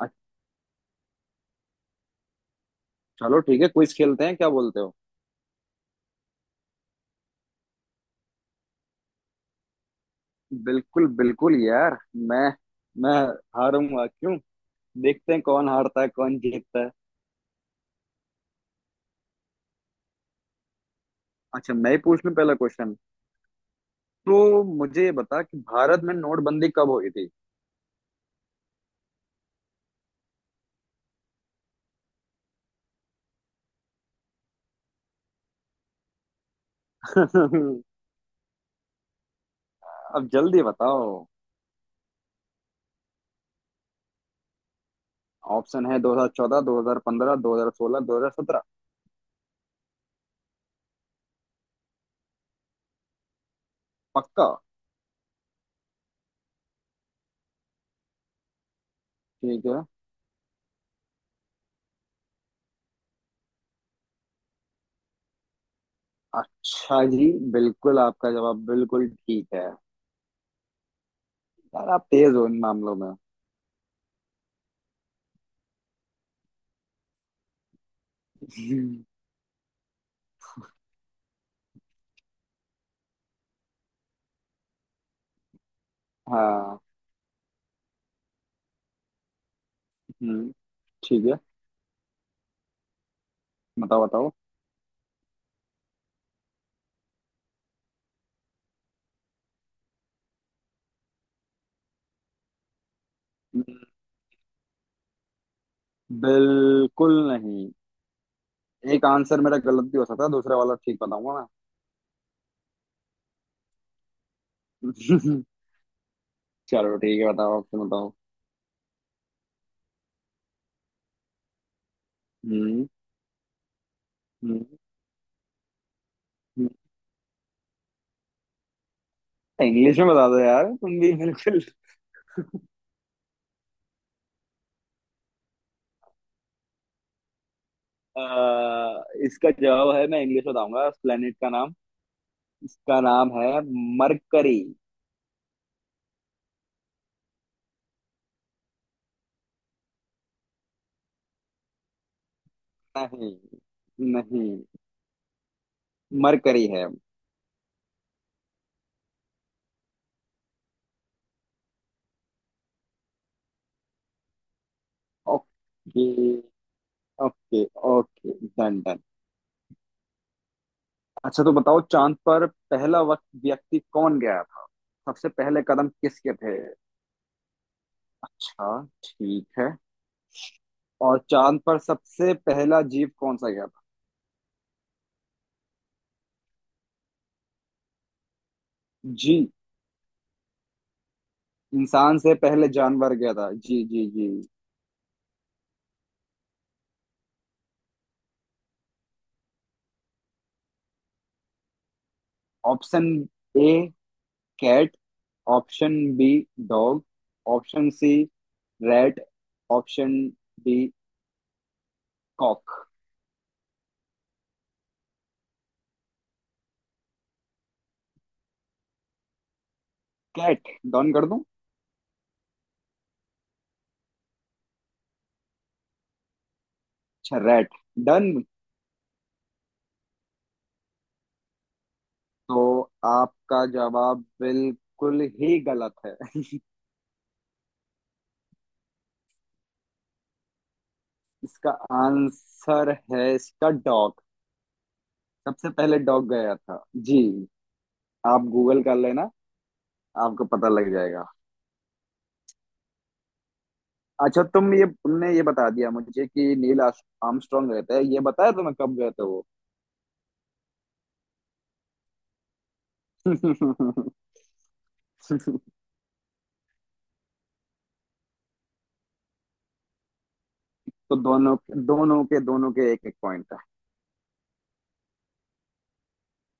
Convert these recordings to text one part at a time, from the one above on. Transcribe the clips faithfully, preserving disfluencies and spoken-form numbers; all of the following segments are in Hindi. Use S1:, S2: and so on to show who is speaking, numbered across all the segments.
S1: अच्छा, चलो ठीक है। क्विज खेलते हैं, क्या बोलते हो? बिल्कुल बिल्कुल यार। मैं मैं हारूंगा क्यों? देखते हैं कौन हारता है कौन जीतता है। अच्छा, मैं ही पूछ लूं पहला क्वेश्चन। तो मुझे ये बता कि भारत में नोटबंदी कब हुई थी? अब जल्दी बताओ। ऑप्शन है दो हज़ार चौदह, दो हज़ार पंद्रह, दो हज़ार सोलह, दो हज़ार सत्रह। पक्का? ठीक है। अच्छा जी। बिल्कुल आपका जवाब बिल्कुल ठीक है। यार आप तेज हो इन मामलों में। हाँ। हम्म। ठीक है, बताओ बताओ। बिल्कुल नहीं। एक आंसर मेरा गलत भी हो सकता है, दूसरा वाला ठीक बताऊंगा। मैं चलो ठीक है, बताओ। आप तुम बताओ। हम्म। हम्म। इंग्लिश में बता दो यार, तुम भी बिल्कुल। अह, इसका जवाब है, मैं इंग्लिश बताऊंगा उस प्लेनेट का नाम। इसका नाम है मरकरी। नहीं नहीं, मरकरी है। Okay. Okay okay. Done done. अच्छा तो बताओ, चांद पर पहला वक्त व्यक्ति कौन गया था? सबसे पहले कदम किसके थे? अच्छा ठीक है। और चांद पर सबसे पहला जीव कौन सा गया था? जी। इंसान से पहले जानवर गया था। जी जी जी। Option A cat, option B dog, option C rat, option D cock. Cat done कर दूं? अच्छा, रैट डन। तो आपका जवाब बिल्कुल ही गलत है। इसका आंसर है इसका डॉग। सबसे पहले डॉग गया था जी। आप गूगल कर लेना, आपको पता लग जाएगा। अच्छा तुम ये तुमने ये बता दिया मुझे कि नील आर्स- आर्मस्ट्रांग रहता है, ये बताया तुम्हें कब गए थे वो? तो दोनों दोनों के दोनों के एक एक पॉइंट है।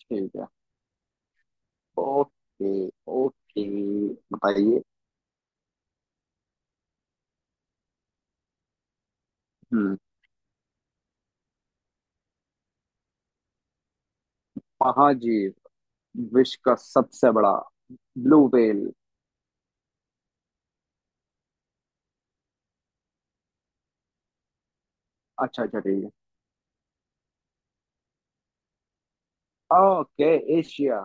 S1: ठीक है। Okay okay. बताइए। हम्म। महाजीव? विश्व का सबसे बड़ा ब्लू व्हेल? अच्छा अच्छा, ठीक है। Okay, Asia.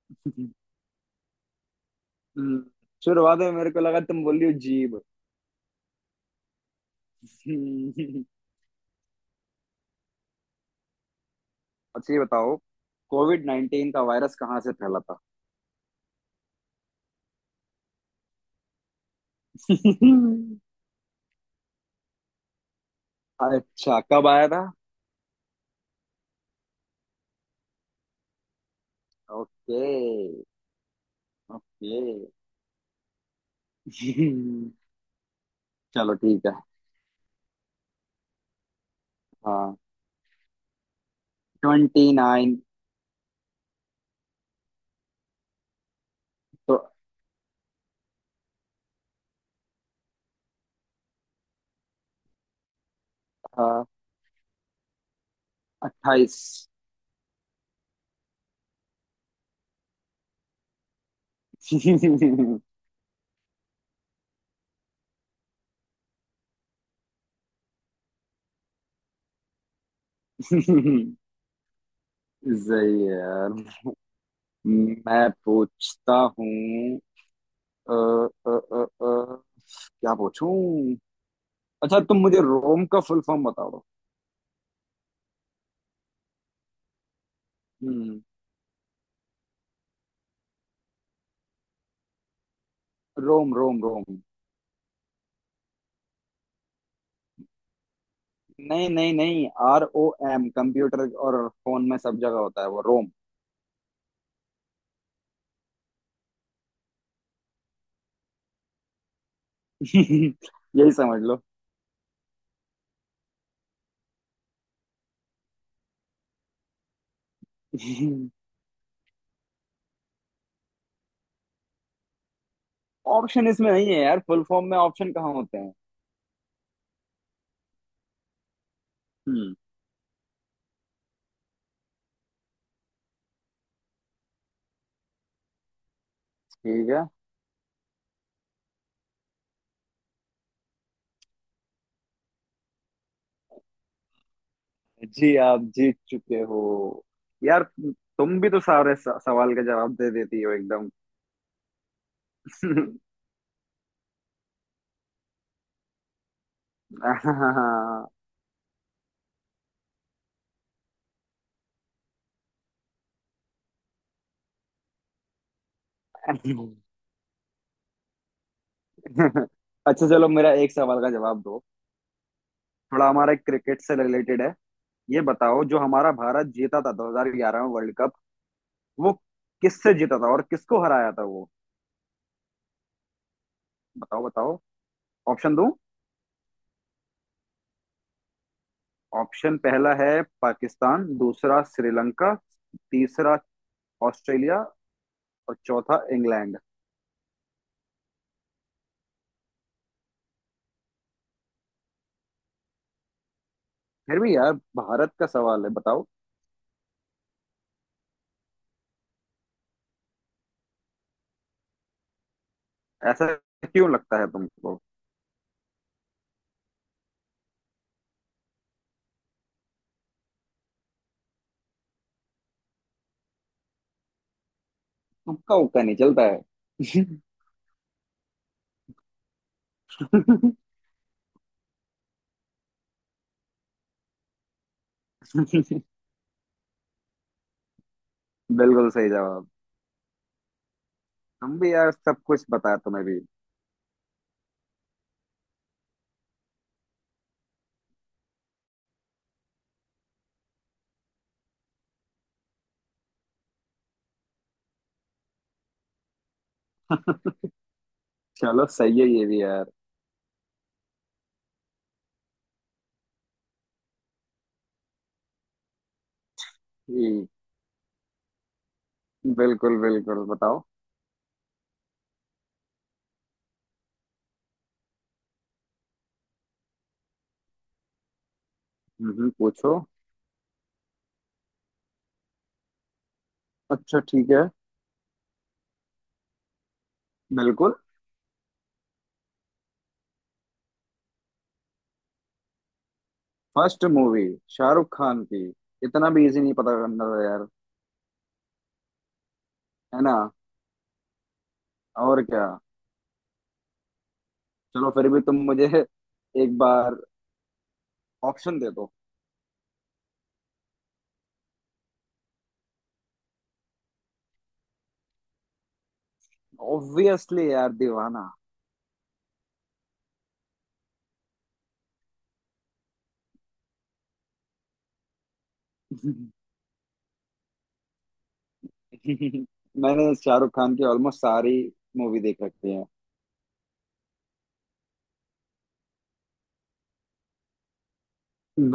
S1: हम्म, शुरुआत में मेरे को लगा तुम बोल रही हो जीभ। हम्म, अच्छा ये बताओ, कोविड नाइन्टीन का वायरस कहाँ से फैला था? अच्छा, कब आया था? ओके। ओके। चलो ठीक है। हाँ, ट्वेंटी नाइन। तो हाँ, अट्ठाईस। सही है यार। मैं पूछता हूँ। अ, अ, अ, अ, क्या पूछूं? अच्छा, तुम मुझे रोम का फुल फॉर्म बता दो। हम्म। ROM ROM ROM. नहीं नहीं नहीं, आर ओ एम, कंप्यूटर और फोन में सब जगह होता है वो रोम। यही समझ लो। ऑप्शन इसमें नहीं है यार, फुल फॉर्म में ऑप्शन कहाँ होते हैं? हम्म। ठीक है। जी आप जीत चुके हो। यार तुम भी तो सारे स- सवाल का जवाब दे देती हो एकदम। अच्छा चलो, मेरा एक सवाल का जवाब दो। थोड़ा हमारा क्रिकेट से रिलेटेड है। ये बताओ, जो हमारा भारत जीता था दो हज़ार ग्यारह में वर्ल्ड कप, वो किससे जीता था और किसको हराया था वो? बताओ बताओ। ऑप्शन दूं? ऑप्शन पहला है पाकिस्तान, दूसरा श्रीलंका, तीसरा ऑस्ट्रेलिया, और चौथा इंग्लैंड। फिर भी यार, भारत का सवाल है, बताओ। ऐसा क्यों लगता है तुमको? तुक्का उक्का नहीं चलता है। बिल्कुल सही जवाब। तुम भी यार सब कुछ बताया, तुम्हें भी। चलो सही है ये भी यार। ठीक। बिल्कुल बिल्कुल, बताओ। हम्म, पूछो। अच्छा ठीक है। बिल्कुल। फर्स्ट मूवी शाहरुख खान की? इतना भी इजी नहीं पता करना था यार। है ना, और क्या। चलो फिर भी तुम मुझे एक बार ऑप्शन दे दो। ऑब्वियसली यार, दीवाना। मैंने शाहरुख खान की ऑलमोस्ट सारी मूवी देख रखी है।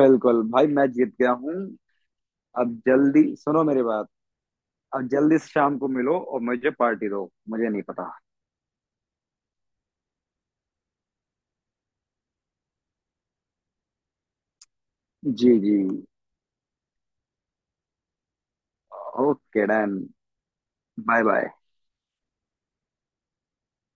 S1: बिल्कुल भाई, मैं जीत गया हूँ। अब जल्दी सुनो मेरी बात। अब जल्दी से शाम को मिलो और मुझे पार्टी दो। मुझे नहीं पता। जी जी। Okay done. Bye bye.